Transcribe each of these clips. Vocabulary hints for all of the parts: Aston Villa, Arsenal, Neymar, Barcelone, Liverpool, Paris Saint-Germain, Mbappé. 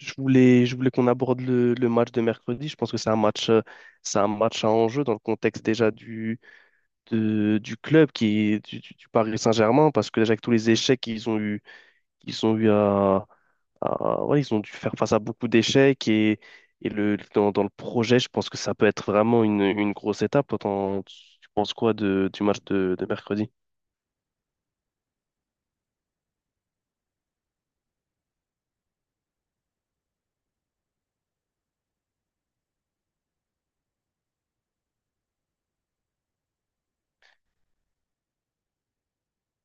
Je voulais qu'on aborde le match de mercredi. Je pense que c'est un match à enjeu dans le contexte déjà du club qui est du Paris Saint-Germain, parce que déjà avec tous les échecs qu'ils ont eu, ils ont eu à- ouais, ils ont dû faire face à beaucoup d'échecs et dans le projet, je pense que ça peut être vraiment une grosse étape. Toi, tu penses quoi du match de mercredi?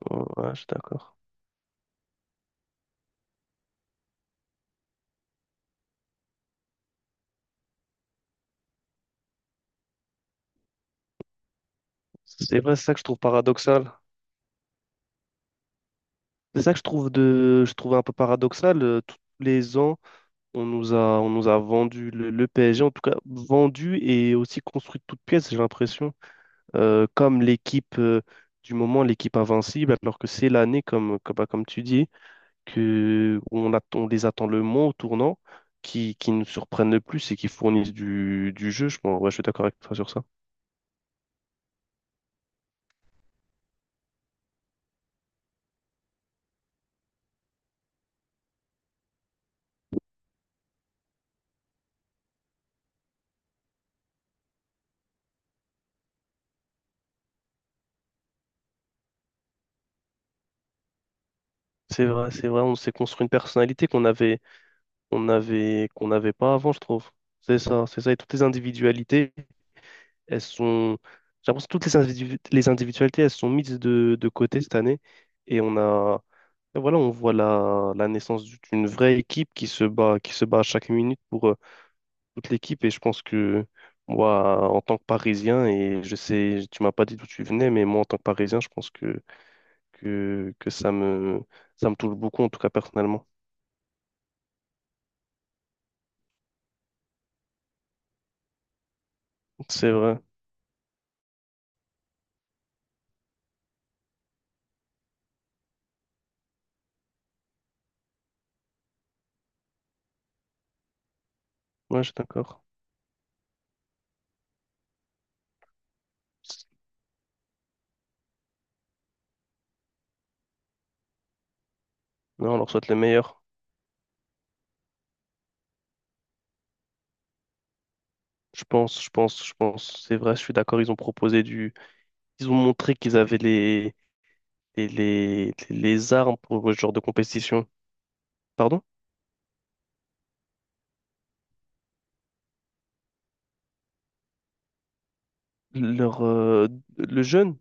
Oh, ouais, je suis d'accord. C'est vrai, c'est ça que je trouve paradoxal. C'est ça que je trouve un peu paradoxal. Tous les ans. On nous a vendu le PSG, en tout cas vendu et aussi construit de toutes pièces, j'ai l'impression, comme l'équipe du moment, l'équipe invincible, alors que c'est l'année, bah, comme tu dis, que on les attend le moins au tournant, qui nous surprennent le plus et qui fournissent du jeu. Ouais, je suis d'accord avec toi sur ça. C'est vrai, on s'est construit une personnalité qu'on avait, on avait, qu'on n'avait pas avant, je trouve. C'est ça, et toutes les individualités. Elles sont. J'ai l'impression que les individualités, elles sont mises de côté cette année. Et on a. Et voilà, on voit la naissance d'une vraie équipe qui se bat à chaque minute pour toute l'équipe. Et je pense que moi, en tant que Parisien, et je sais, tu m'as pas dit d'où tu venais, mais moi, en tant que Parisien, je pense que ça me touche beaucoup, en tout cas personnellement. C'est vrai. Ouais, je suis d'accord. Non, on leur souhaite le meilleur. Je pense. C'est vrai, je suis d'accord. Ils ont proposé du. Ils ont montré qu'ils avaient les armes pour ce genre de compétition. Pardon? Leur, le jeune?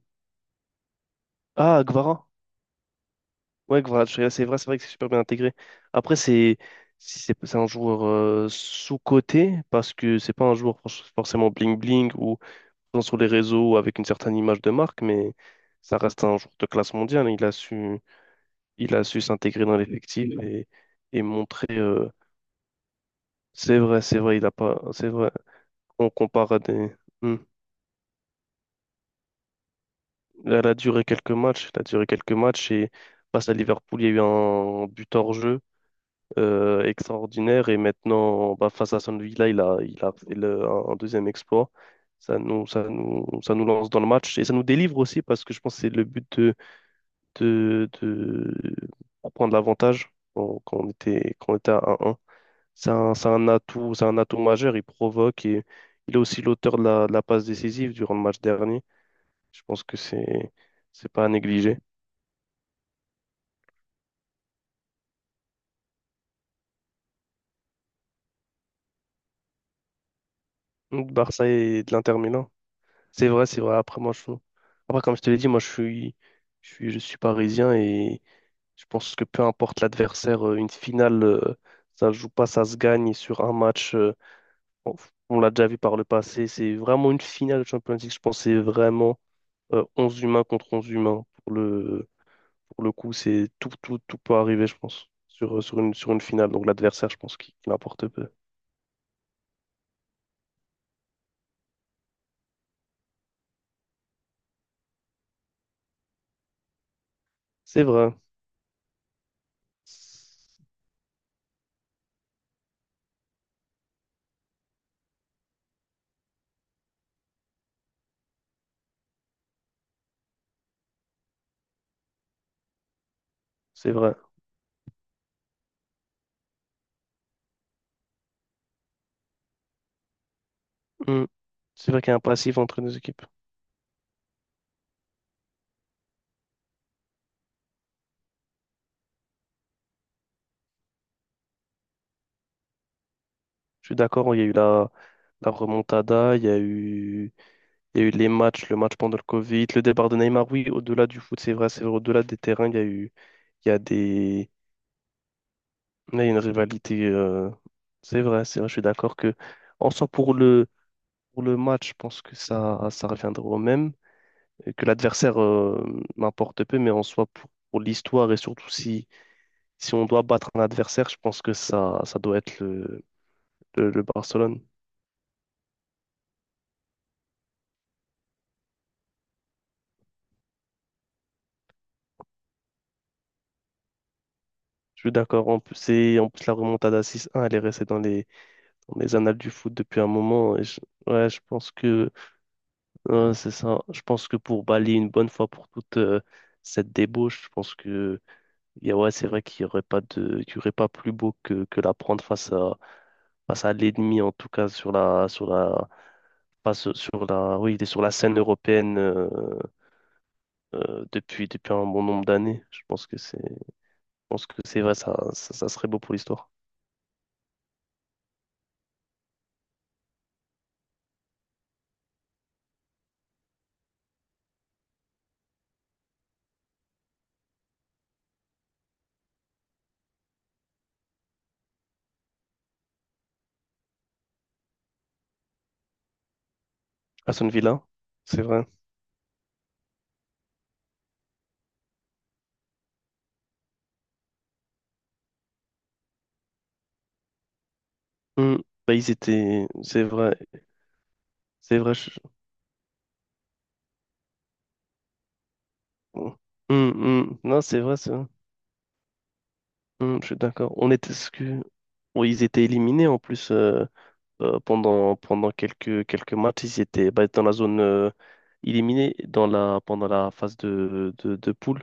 Ah, Guevara. Ouais, Guevara, Teixeira, c'est vrai que c'est super bien intégré. Après, c'est si c'est un joueur sous-coté parce que c'est pas un joueur forcément bling-bling ou présent sur les réseaux avec une certaine image de marque, mais ça reste un joueur de classe mondiale. Il a su s'intégrer dans l'effectif et montrer. C'est vrai, c'est vrai, il a pas. C'est vrai. On compare à des. Hmm. Elle a duré quelques matchs, elle a duré quelques matchs et face à Liverpool, il y a eu un but hors jeu extraordinaire et maintenant bah, face à Aston Villa, il a fait un deuxième exploit. Ça nous lance dans le match et ça nous délivre aussi parce que je pense que c'est le but de prendre l'avantage quand on était à un 1. C'est un atout majeur, il provoque et il est aussi l'auteur de la passe décisive durant le match dernier. Je pense que c'est pas à négliger. De Barça et de l'Inter Milan. C'est vrai, c'est vrai. Après, moi, je… Après, comme je te l'ai dit, moi, je suis… je suis parisien et je pense que peu importe l'adversaire, une finale, ça se joue pas, ça se gagne sur un match. On, on l'a déjà vu par le passé. C'est vraiment une finale de Champions League. Je pense que c'est vraiment 11 humains contre 11 humains. Pour le coup, c'est tout, tout, tout peut arriver, je pense, sur une finale. Donc, l'adversaire, je pense qu'il importe peu. C'est vrai. C'est vrai. Mm. C'est vrai qu'il y a un passif entre nos équipes. Je suis d'accord, il y a eu la remontada, il y a eu le match pendant le Covid, le départ de Neymar. Oui, au-delà du foot, c'est vrai, au-delà des terrains, il y a eu, il y a des, il y a une rivalité. C'est vrai, c'est vrai, je suis d'accord que, en soi, pour le match, je pense que ça reviendra au même, et que l'adversaire m'importe peu, mais en soi, pour l'histoire et surtout si on doit battre un adversaire, je pense que ça doit être le Barcelone. Je suis d'accord. En plus, en plus, la remontada 6-1, elle est restée dans dans les annales du foot depuis un moment. Et ouais, je pense que ouais, c'est ça. Je pense que pour balayer une bonne fois pour toutes cette débauche, je pense que ouais, c'est vrai qu'il n'y aurait pas de, qu'il y aurait pas plus beau que la prendre face à l'ennemi, en tout cas pas sur la, oui, il est sur la scène européenne depuis un bon nombre d'années. Je pense que c'est vrai, ça serait beau pour l'histoire. Aston Villa, c'est vrai. Hmm. Bah, ils étaient. C'est vrai. C'est vrai. Hmm, hmm. Non, c'est vrai, c'est vrai. Hmm, je suis d'accord. On était ce que. Oui, ils étaient éliminés en plus pendant quelques matchs. Ils étaient bah, dans la zone éliminée pendant la phase de poule.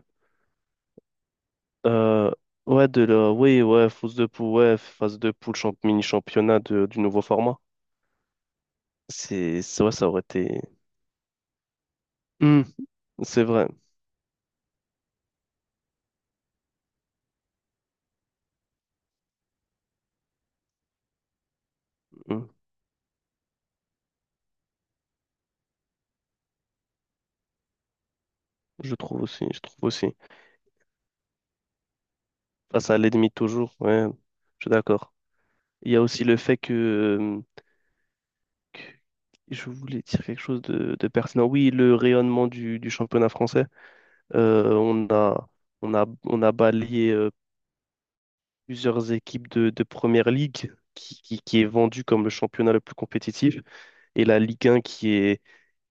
Euh, ouais, oui, ouais, phase de poule, ouais, phase de poule, mini-championnat du nouveau format. Ouais, ça aurait été. Hmm, c'est vrai. Hmm, je trouve aussi, je trouve aussi. Face à l'ennemi toujours, ouais, je suis d'accord. Il y a aussi le fait que, que- je voulais dire quelque chose de pertinent. Oui, le rayonnement du championnat français, euh, on a, on a balayé plusieurs équipes de première ligue qui est vendue comme le championnat le plus compétitif et la Ligue 1 qui est,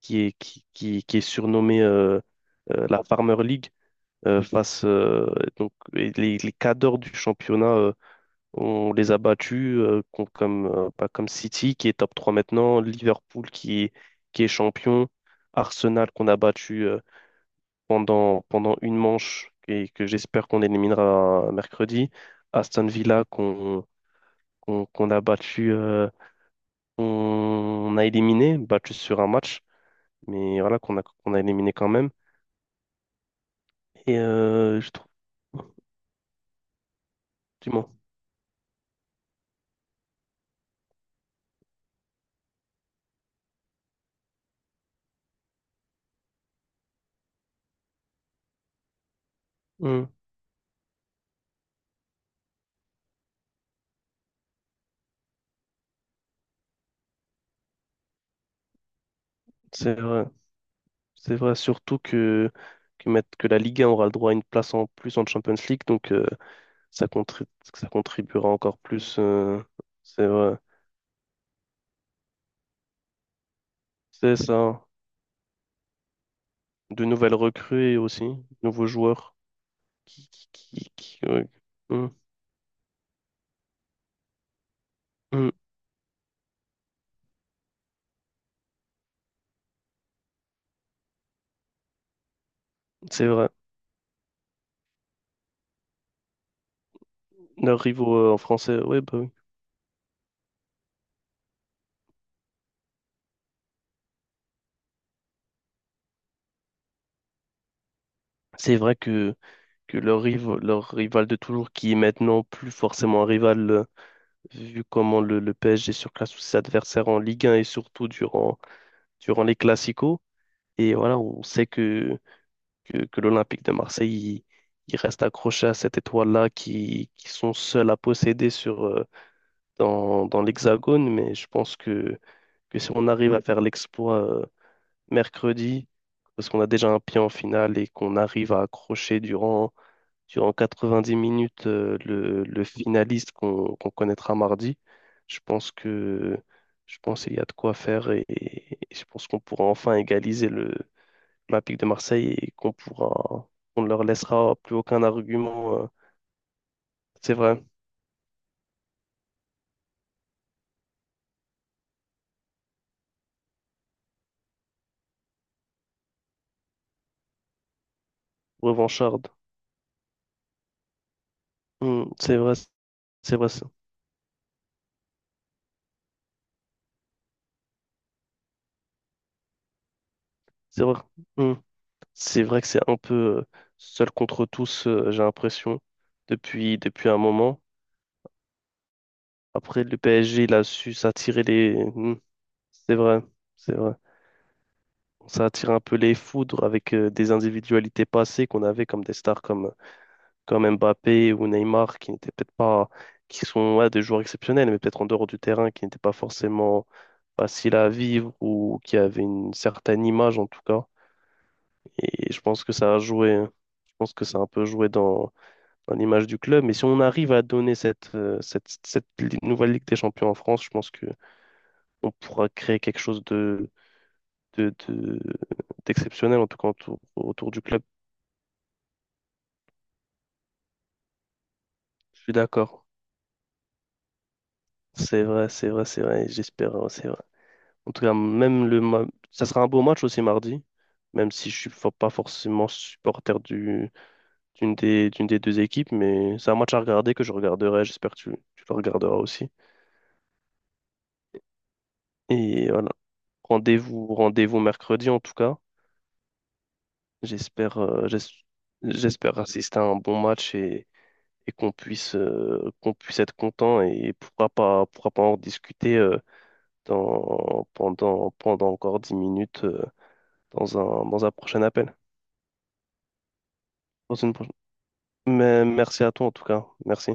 qui est, qui, qui, qui est surnommée la Farmer League face donc, et les cadors du championnat. On les a battus comme, pas comme City qui est top 3 maintenant, Liverpool qui est champion, Arsenal qu'on a battu pendant une manche et que j'espère qu'on éliminera mercredi, Aston Villa qu'on a battu, on a éliminé, battu sur un match, mais voilà qu'on a éliminé quand même. Et je trouve, du moins, c'est vrai. C'est vrai, surtout que, que la Ligue 1 aura le droit à une place en plus en Champions League, donc ça, contri- ça contribuera encore plus. C'est vrai. C'est ça. De nouvelles recrues et aussi, nouveaux joueurs qui, qui, ouais. Hum, hum, c'est vrai. Leurs rivaux en français, ouais, bah oui. C'est vrai que leur leur rival de toujours, qui est maintenant plus forcément un rival, vu comment le PSG surclasse tous ses adversaires en Ligue 1 et surtout durant les Classicos. Et voilà, on sait que l'Olympique de Marseille, il reste accroché à cette étoile-là qui sont seuls à posséder dans l'Hexagone. Mais je pense que si on arrive à faire l'exploit mercredi, parce qu'on a déjà un pied en finale et qu'on arrive à accrocher durant 90 minutes le finaliste qu'on connaîtra mardi, je pense que je pense qu'il y a de quoi faire et je pense qu'on pourra enfin égaliser le l'Olympique de Marseille et qu'on pourra, on ne leur laissera plus aucun argument. C'est vrai, revancharde. Hmm, c'est vrai, ça. C'est vrai. Hmm. C'est vrai que c'est un peu seul contre tous, j'ai l'impression, depuis un moment. Après, le PSG, il a su s'attirer les. Hmm, c'est vrai, c'est vrai. Ça attire un peu les foudres avec des individualités passées qu'on avait comme des stars comme Mbappé ou Neymar, qui n'étaient peut-être pas, qui sont ouais, des joueurs exceptionnels, mais peut-être en dehors du terrain, qui n'étaient pas forcément faciles à vivre ou qui avaient une certaine image en tout cas. Et je pense que ça a joué, hein. Je pense que ça a un peu joué dans l'image du club. Mais si on arrive à donner cette nouvelle Ligue des Champions en France, je pense que on pourra créer quelque chose de, de- d'exceptionnel, en tout cas autour du club. Je suis d'accord. C'est vrai, c'est vrai, c'est vrai. J'espère, c'est vrai. En tout cas, même ça sera un beau match aussi mardi, même si je suis pas forcément supporter du d'une des deux équipes, mais c'est un match à regarder que je regarderai. J'espère que tu le regarderas aussi. Et voilà. Rendez-vous mercredi en tout cas. J'espère j'espère assister à un bon match et qu'on puisse être content et pourra pas en discuter dans pendant pendant encore 10 minutes dans un prochain appel. Dans une prochaine. Mais merci à toi en tout cas. Merci.